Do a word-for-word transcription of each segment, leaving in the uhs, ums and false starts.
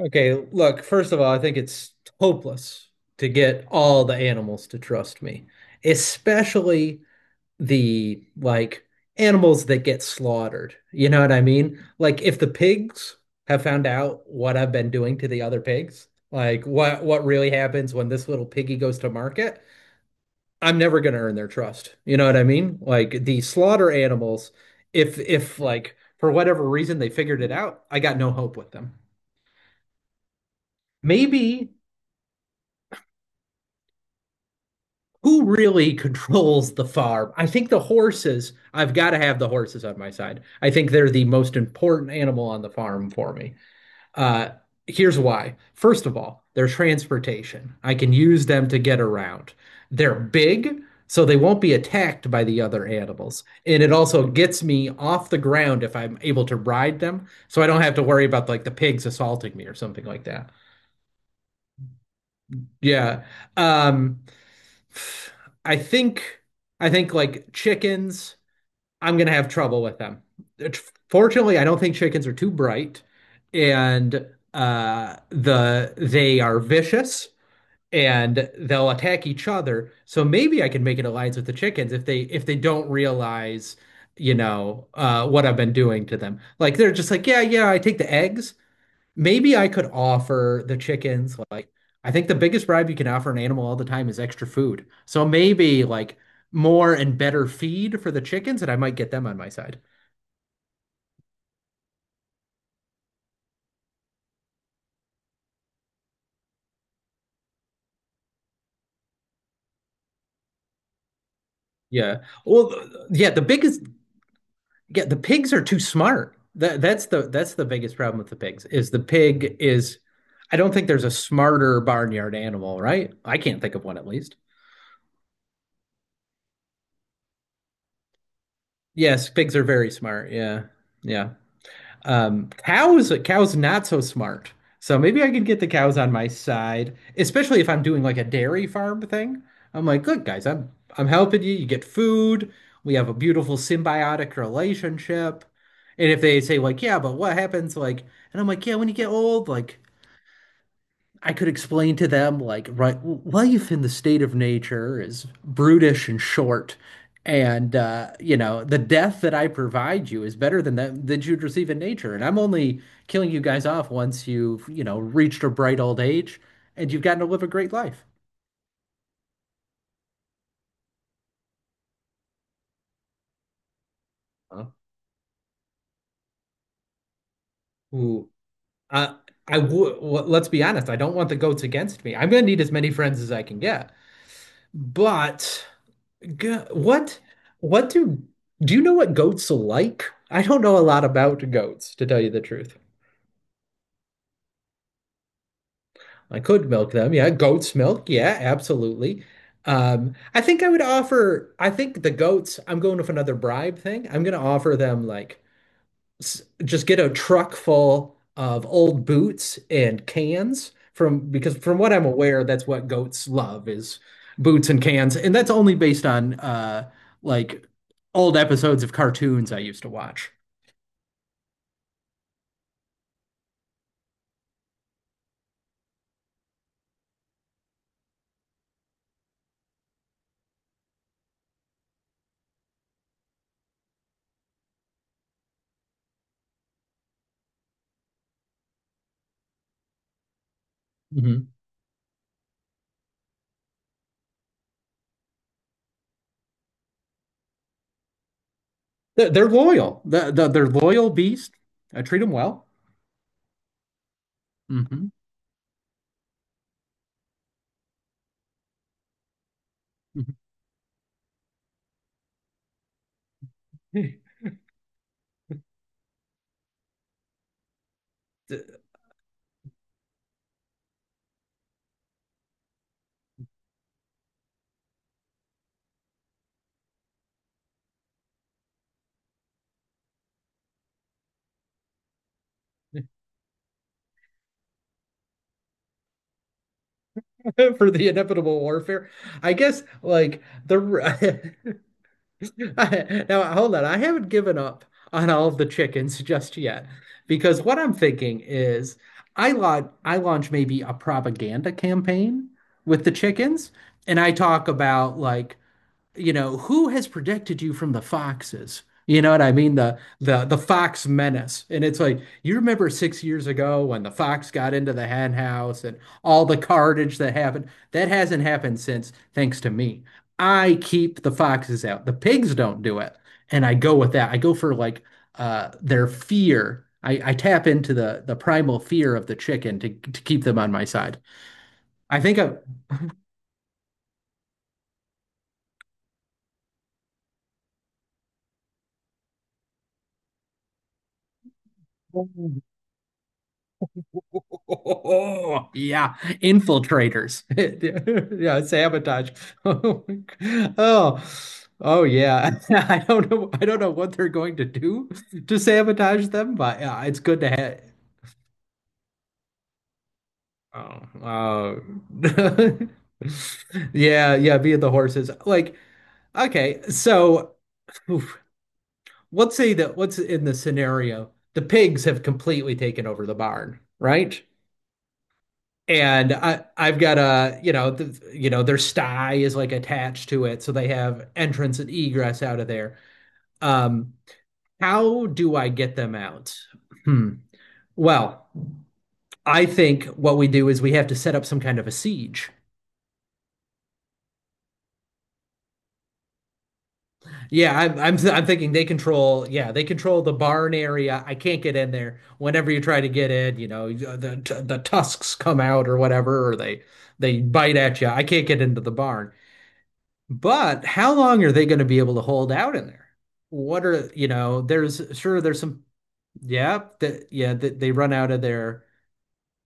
Okay, look, first of all, I think it's hopeless to get all the animals to trust me, especially the like animals that get slaughtered. You know what I mean? Like if the pigs have found out what I've been doing to the other pigs, like what what really happens when this little piggy goes to market, I'm never gonna earn their trust. You know what I mean? Like the slaughter animals, if if like for whatever reason they figured it out, I got no hope with them. Maybe who really controls the farm? I think the horses, I've got to have the horses on my side. I think they're the most important animal on the farm for me. Uh, Here's why. First of all, their transportation. I can use them to get around. They're big, so they won't be attacked by the other animals. And it also gets me off the ground if I'm able to ride them, so I don't have to worry about like the pigs assaulting me or something like that. Yeah. Um, I think I think like chickens, I'm gonna have trouble with them. It- Fortunately, I don't think chickens are too bright, and uh, the they are vicious and they'll attack each other. So maybe I can make an alliance with the chickens if they if they don't realize, you know, uh, what I've been doing to them. Like they're just like, yeah, yeah, I take the eggs. Maybe I could offer the chickens, like, I think the biggest bribe you can offer an animal all the time is extra food. So maybe like more and better feed for the chickens, and I might get them on my side. Yeah. Well, th- yeah, the biggest yeah, the pigs are too smart. That that's the that's the biggest problem with the pigs is the pig is, I don't think there's a smarter barnyard animal, right? I can't think of one at least. Yes, pigs are very smart. Yeah. Yeah. Um, cows, cows not so smart. So maybe I could get the cows on my side, especially if I'm doing like a dairy farm thing. I'm like, look, guys, I'm I'm helping you. You get food. We have a beautiful symbiotic relationship. And if they say like, yeah, but what happens, like, and I'm like, yeah, when you get old, like I could explain to them, like, right, life in the state of nature is brutish and short, and uh you know the death that I provide you is better than that than you'd receive in nature, and I'm only killing you guys off once you've you know reached a bright old age and you've gotten to live a great life. Huh? Ooh, I I would. Well, let's be honest. I don't want the goats against me. I'm gonna need as many friends as I can get. But Go what what do do you know what goats are like? I don't know a lot about goats, to tell you the truth. I could milk them. Yeah, goat's milk. Yeah, absolutely. Um, I think I would offer, I think the goats, I'm going with another bribe thing. I'm going to offer them like s- just get a truck full of old boots and cans from because from what I'm aware, that's what goats love is boots and cans, and that's only based on uh like old episodes of cartoons I used to watch. Hmm. They're, they're loyal. The, the, they're loyal beast. I treat them well. Hmm. For the inevitable warfare, I guess like the I, now, hold on. I haven't given up on all of the chickens just yet, because what I'm thinking is I launch, I launch maybe a propaganda campaign with the chickens, and I talk about, like, you know, who has protected you from the foxes? You know what I mean? The the the fox menace. And it's like, you remember six years ago when the fox got into the hen house and all the carnage that happened? That hasn't happened since, thanks to me. I keep the foxes out. The pigs don't do it. And I go with that. I go for like uh their fear. I, I tap into the the primal fear of the chicken to to keep them on my side. I think I. Oh, yeah, infiltrators. Yeah, sabotage. Oh, oh yeah. I don't know. I don't know what they're going to do to sabotage them, but yeah, it's good to have. Oh, oh. Yeah, yeah. Be the horses. Like, okay, so, oof, let's say that what's in the scenario? The pigs have completely taken over the barn, right? And I I've got a, you know the, you know their sty is like attached to it, so they have entrance and egress out of there. Um, how do I get them out? Hmm. Well, I think what we do is we have to set up some kind of a siege. Yeah, I'm I'm I'm thinking they control. Yeah, they control the barn area. I can't get in there. Whenever you try to get in, you know the the tusks come out or whatever, or they they bite at you. I can't get into the barn. But how long are they going to be able to hold out in there? What are, you know, there's sure there's some, yeah, that, yeah, that they run out of their,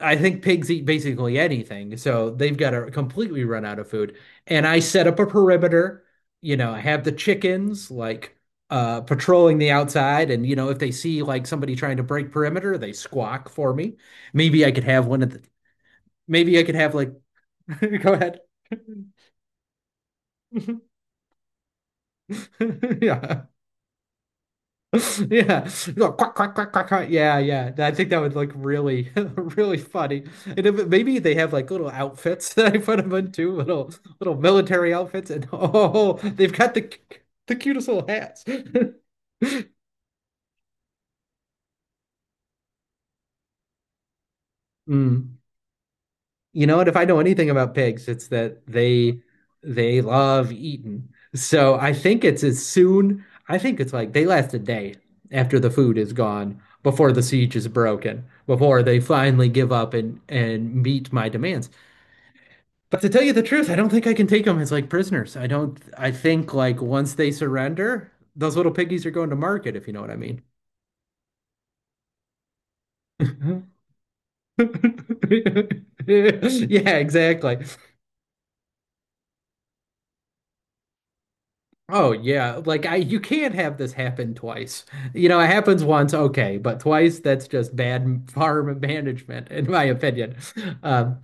I think pigs eat basically anything. So they've got to completely run out of food. And I set up a perimeter, you know, I have the chickens like uh patrolling the outside. And, you know, if they see like somebody trying to break perimeter, they squawk for me. Maybe I could have one of the, maybe I could have, like, go ahead. Yeah. Yeah. No, quack, quack, quack, quack, quack. Yeah, yeah. I think that would look really, really funny. And if, maybe they have like little outfits that I put them into, little little military outfits, and oh, they've got the cu- the cutest little hats. Mm. You know what? If I know anything about pigs, it's that they they love eating. So I think it's as soon, I think it's like they last a day after the food is gone, before the siege is broken, before they finally give up and and meet my demands. But to tell you the truth, I don't think I can take them as like prisoners. I don't, I think like once they surrender, those little piggies are going to market, if you know what I mean. Yeah, exactly. Oh yeah, like I you can't have this happen twice. You know, it happens once, okay, but twice, that's just bad farm management, in my opinion. Um,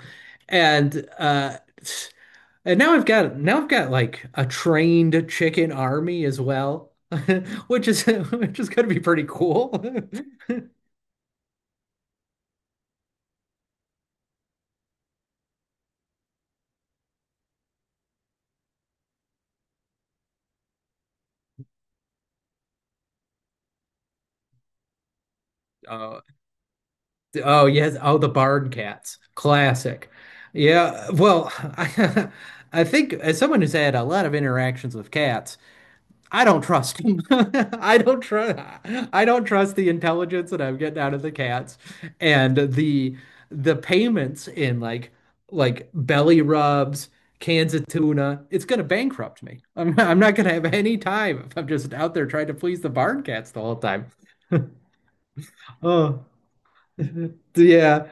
and uh, and now I've got, now I've got like a trained chicken army as well, which is which is gonna be pretty cool. Oh, oh yes, oh the barn cats, classic. Yeah, well, I I think, as someone who's had a lot of interactions with cats, I don't trust him. I don't trust I don't trust the intelligence that I'm getting out of the cats, and the the payments in like like belly rubs, cans of tuna. It's gonna bankrupt me. I'm I'm not gonna have any time if I'm just out there trying to please the barn cats the whole time. Oh, yeah.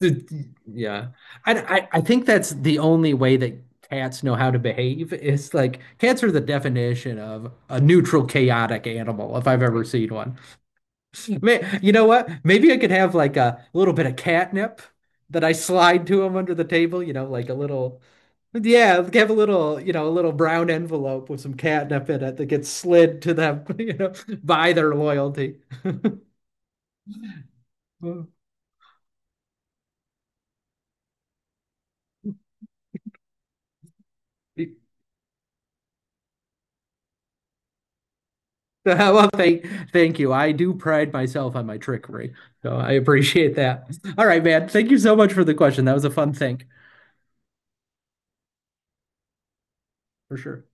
The- yeah. I, I, I think that's the only way that cats know how to behave. It's like cats are the definition of a neutral, chaotic animal, if I've ever seen one. May, you know what? Maybe I could have like a little bit of catnip that I slide to them under the table, you know, like a little, yeah, have a little, you know, a little brown envelope with some catnip in it that gets slid to them, you know, by their loyalty. Well, thank thank you. I do pride myself on my trickery, so I appreciate that. All right, man. Thank you so much for the question. That was a fun thing, for sure.